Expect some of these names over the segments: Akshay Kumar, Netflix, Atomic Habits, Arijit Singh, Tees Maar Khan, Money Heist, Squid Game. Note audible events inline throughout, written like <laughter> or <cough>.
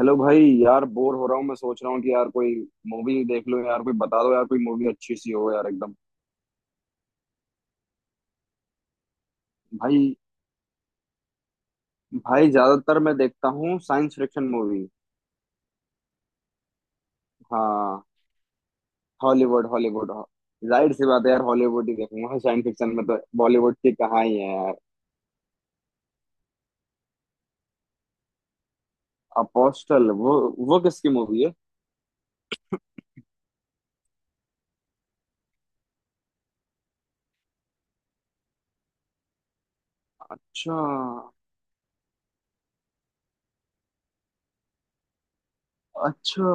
Hello भाई। यार bore हो रहा हूँ। मैं सोच रहा हूँ कि यार कोई मूवी देख लो। यार कोई बता दो, यार कोई मूवी अच्छी सी हो यार, एकदम। भाई, भाई, ज्यादातर मैं देखता हूँ साइंस फिक्शन मूवी। हाँ, हॉलीवुड हॉलीवुड। जाहिर सी बात है यार, हॉलीवुड ही देखूंगा, साइंस फिक्शन में तो बॉलीवुड की कहाँ ही है। अपोस्टल, वो किसकी मूवी है? अच्छा। अच्छा।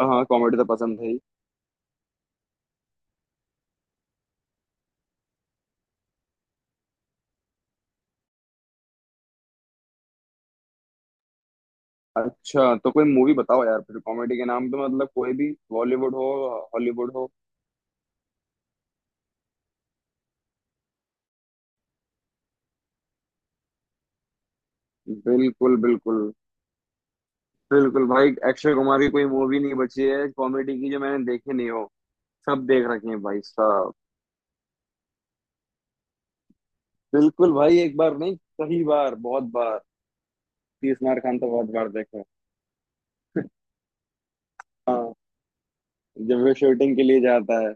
हाँ कॉमेडी तो पसंद है ही। अच्छा तो कोई मूवी बताओ यार फिर, कॉमेडी के नाम पे मतलब, कोई भी, बॉलीवुड हो हॉलीवुड हो। बिल्कुल बिल्कुल। बिल्कुल भाई, अक्षय कुमार की कोई मूवी नहीं बची है कॉमेडी की जो मैंने देखी नहीं हो। सब देख रखी है भाई साहब। बिल्कुल भाई, एक बार नहीं, कई बार, बहुत बार। तीस मार खान तो बहुत बार देखे हैं। हाँ जब वो शूटिंग के लिए जाता है।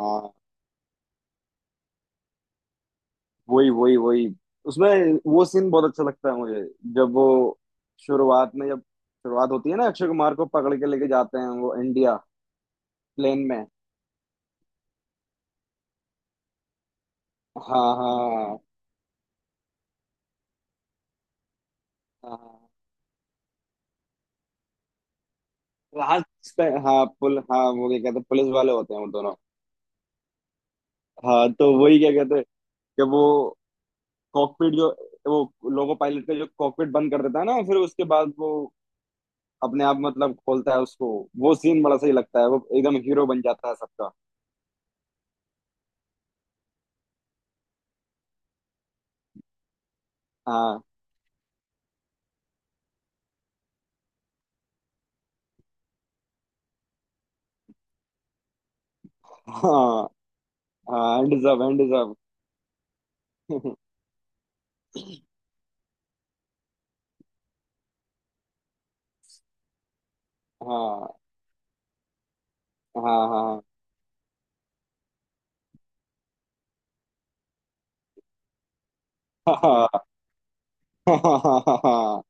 हाँ, वही वही वही उसमें, वो सीन बहुत अच्छा लगता है मुझे जब वो शुरुआत में, जब शुरुआत होती है ना अक्षय कुमार को पकड़ के लेके जाते हैं वो इंडिया, प्लेन में। हाँ हाँ। हाँ, हाँ पुल हाँ हाँ, वो क्या कहते हैं, पुलिस वाले होते हैं वो दोनों। हाँ तो वही क्या कहते हैं, कि वो कॉकपिट जो, वो लोको पायलट का जो कॉकपिट बंद कर देता है ना, फिर उसके बाद वो अपने आप मतलब खोलता है उसको। वो सीन बड़ा सही लगता है, वो एकदम हीरो बन जाता है सबका। हाँ हाँ हाँ, एंड सब, एंड सब। <laughs> हाँ हाँ हाँ हाँ।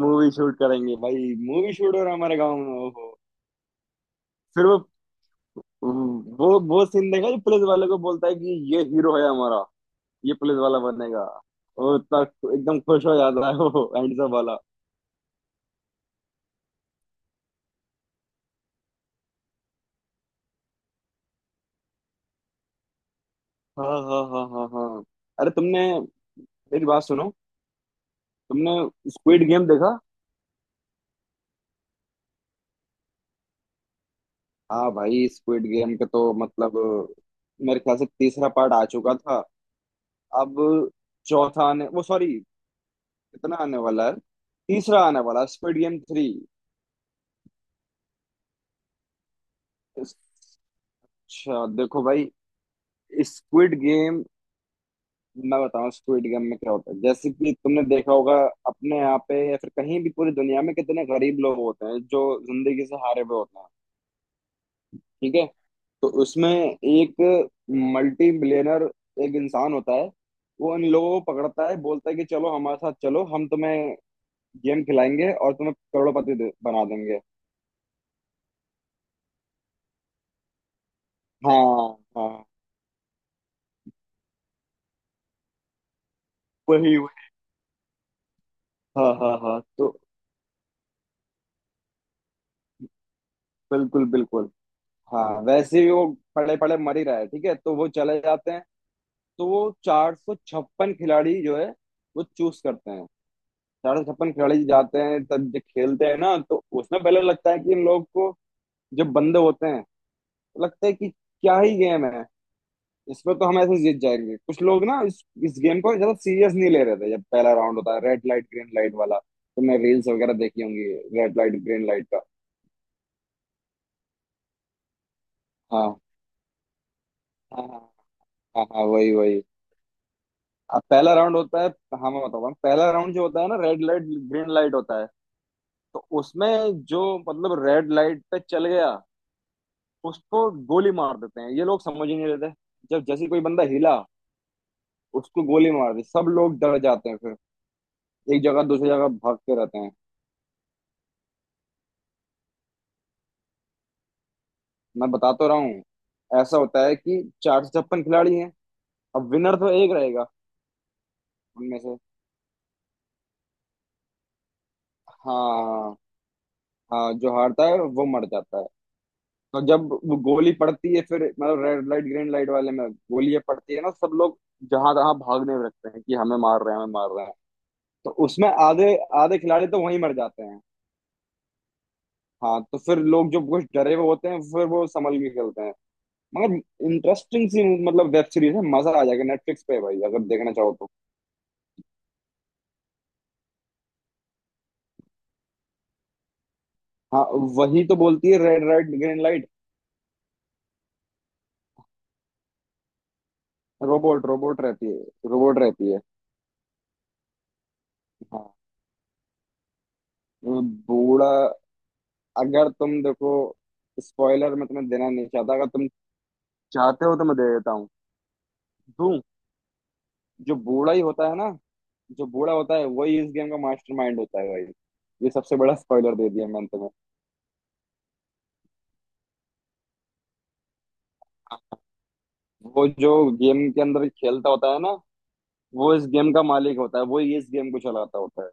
मूवी शूट करेंगे भाई, मूवी शूट हो रहा है हमारे गांव में, ओहो। फिर वो सीन देखा जो पुलिस वाले को बोलता है कि ये हीरो है हमारा, ये पुलिस वाला बनेगा। वो इतना एकदम खुश हो जाता है वो एंड सब वाला। हाँ हाँ हाँ हाँ हाँ। अरे तुमने, मेरी बात सुनो, तुमने स्क्विड गेम देखा? हाँ भाई, स्क्विड गेम का तो मतलब, मेरे ख्याल से तीसरा पार्ट आ चुका था। अब चौथा आने, वो सॉरी, कितना आने वाला है, तीसरा आने वाला स्क्विड गेम थ्री। अच्छा। देखो भाई, स्क्विड गेम, मैं बताऊं स्क्विड गेम में क्या होता है। जैसे कि तुमने देखा होगा अपने यहाँ पे या फिर कहीं भी पूरी दुनिया में कितने गरीब लोग होते हैं जो जिंदगी से हारे हुए होते हैं। ठीक है। तो उसमें एक मल्टी बिलियनर, एक इंसान होता है। वो उन लोगों को पकड़ता है, बोलता है कि चलो हमारे साथ चलो, हम तुम्हें गेम खिलाएंगे और तुम्हें करोड़पति बना देंगे। हाँ हाँ, वही वही। हाँ हाँ हाँ तो, बिल्कुल बिल्कुल। हाँ वैसे ही वो पड़े पड़े मर ही रहा है। ठीक है, तो वो चले जाते हैं। तो वो 456 खिलाड़ी जो है, वो चूज करते हैं। 456 खिलाड़ी जाते हैं तब, जब खेलते हैं ना तो उसमें पहले लगता है कि इन लोग को, जब बंदे होते हैं तो लगता है कि क्या ही गेम है, इसमें तो हम ऐसे जीत जाएंगे। कुछ लोग ना इस गेम को ज्यादा सीरियस नहीं ले रहे थे जब पहला राउंड होता है, रेड लाइट ग्रीन लाइट वाला। तुमने रील्स वगैरह देखी होंगी रेड लाइट ग्रीन लाइट का। हाँ। हाँ हाँ हाँ हाँ, वही वही। अब पहला राउंड होता है। हाँ मैं बताऊँ, पहला राउंड जो होता है ना रेड लाइट ग्रीन लाइट होता है। तो उसमें जो मतलब रेड लाइट पे चल गया, उसको गोली मार देते हैं। ये लोग समझ ही नहीं लेते, जब जैसे कोई बंदा हिला उसको गोली मार दी। सब लोग डर जाते हैं, फिर एक जगह दूसरी जगह भागते रहते हैं। मैं बता तो रहा हूँ। ऐसा होता है कि 456 खिलाड़ी हैं, अब विनर तो एक रहेगा उनमें से। हाँ, हाँ जो हारता है वो मर जाता है। तो जब वो गोली पड़ती है फिर, मतलब रेड लाइट ग्रीन लाइट वाले में गोली पड़ती है ना, सब लोग जहां तहां भागने लगते हैं कि हमें मार रहे हैं, हमें मार रहे हैं। तो उसमें आधे, आधे खिलाड़ी तो वहीं मर जाते हैं। हाँ तो फिर लोग जो कुछ डरे हुए होते हैं फिर वो संभल के खेलते हैं। मगर इंटरेस्टिंग सी मतलब वेब सीरीज है, मजा आ जाएगा। नेटफ्लिक्स पे है भाई, अगर देखना चाहो तो। हाँ, वही तो बोलती है red light green light. Robot, robot रहती है, रोबोट रहती है। हाँ, वो बूढ़ा, अगर तुम देखो, स्पॉइलर मैं तुम्हें देना नहीं चाहता, अगर तुम चाहते हो तो मैं दे देता हूँ, दूं? जो बूढ़ा ही होता है ना, जो बूढ़ा होता है वही इस गेम का मास्टरमाइंड होता है भाई। ये सबसे बड़ा स्पॉइलर दे दिया मैंने तुम्हें। वो जो गेम के अंदर खेलता होता है ना, वो इस गेम का मालिक होता है, वो ही इस गेम को चलाता होता है।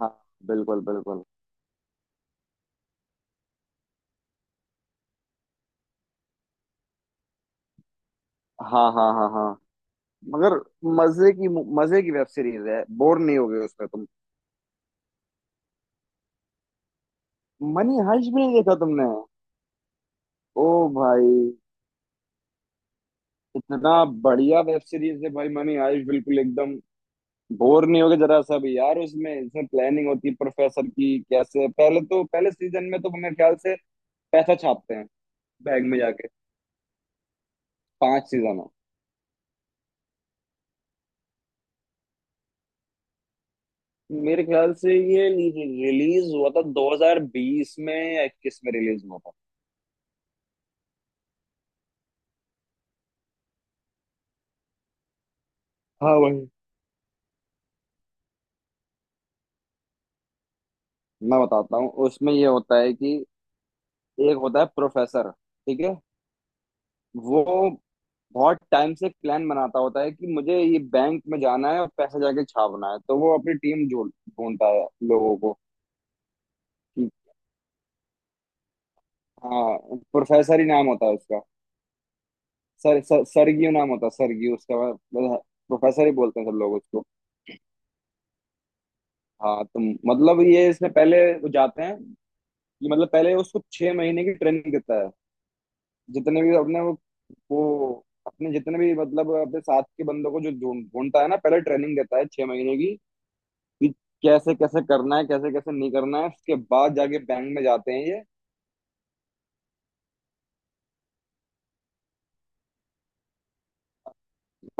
हाँ, बिल्कुल बिल्कुल। हाँ हाँ हाँ हाँ। मगर मजे की, मजे की वेब सीरीज है, बोर नहीं होगे उसमें तुम। मनी हाइश भी नहीं देखा तुमने? ओ भाई, इतना बढ़िया वेब सीरीज है भाई मनी हाइश, बिल्कुल एकदम। बोर नहीं होगे जरा सा भी यार उसमें, इसमें प्लानिंग होती है प्रोफेसर की, कैसे पहले तो, पहले सीजन में तो मेरे ख्याल से पैसा छापते हैं, बैग में जाके। 5 सीजन है। मेरे ख्याल से ये रिलीज हुआ था 2020 में या 21 में रिलीज हुआ था। हाँ, वही। मैं बताता हूँ उसमें ये होता है कि एक होता है प्रोफेसर। ठीक है, वो बहुत टाइम से प्लान बनाता होता है कि मुझे ये बैंक में जाना है और पैसे जाके छापना है, तो वो अपनी टीम ढूंढता है लोगों को, कि, हाँ प्रोफेसर ही नाम होता है उसका। सर, सर सरगियो नाम होता है, सरगियो उसका मतलब, प्रोफेसर ही बोलते हैं सब लोग उसको। हाँ, तो मतलब ये इसमें पहले वो जाते हैं, ये मतलब पहले उसको 6 महीने की ट्रेनिंग देता है। जितने भी अपने वो अपने जितने भी मतलब अपने साथ के बंदों को जो ढूंढ ढूंढता है ना, पहले ट्रेनिंग देता है 6 महीने की, कि कैसे कैसे करना है, कैसे कैसे नहीं करना है, उसके बाद जाके बैंक में जाते हैं ये।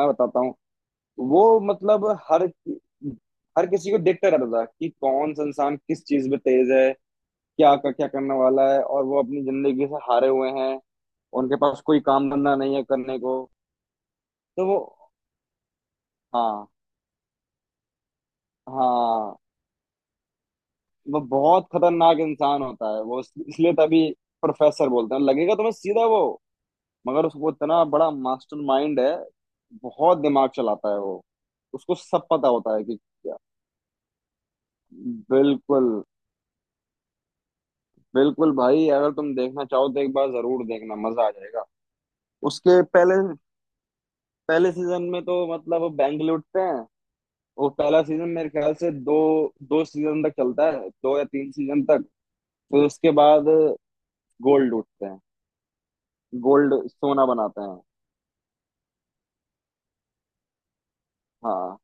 मैं बताता हूँ। वो मतलब हर हर किसी को देखता रहता था कि कौन सा इंसान किस चीज में तेज है, क्या क्या करने वाला है। और वो अपनी जिंदगी से हारे हुए हैं, उनके पास कोई काम धंधा नहीं है करने को, तो वो, हाँ हाँ। वो बहुत खतरनाक इंसान होता है वो, इसलिए तभी प्रोफेसर बोलते हैं, लगेगा तुम्हें सीधा वो, मगर उसको, इतना बड़ा मास्टर माइंड है, बहुत दिमाग चलाता है वो, उसको सब पता होता है कि क्या। बिल्कुल बिल्कुल भाई, अगर तुम देखना चाहो तो एक बार जरूर देखना, मजा आ जाएगा। उसके पहले, पहले सीजन में तो मतलब वो बैंक लूटते हैं। वो पहला सीजन मेरे ख्याल से दो, दो सीजन तक चलता है, दो या तीन सीजन तक, फिर उसके बाद गोल्ड लूटते हैं, गोल्ड सोना बनाते हैं। हाँ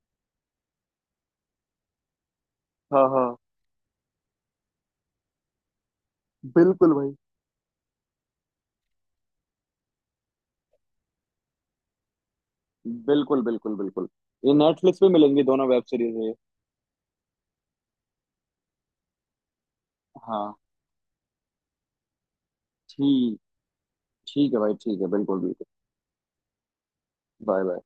हाँ हाँ। बिल्कुल भाई। बिल्कुल बिल्कुल बिल्कुल। ये नेटफ्लिक्स पे मिलेंगी दोनों वेब सीरीज ये। हाँ ठीक, ठीक है भाई, ठीक है, बिल्कुल बिल्कुल। बाय।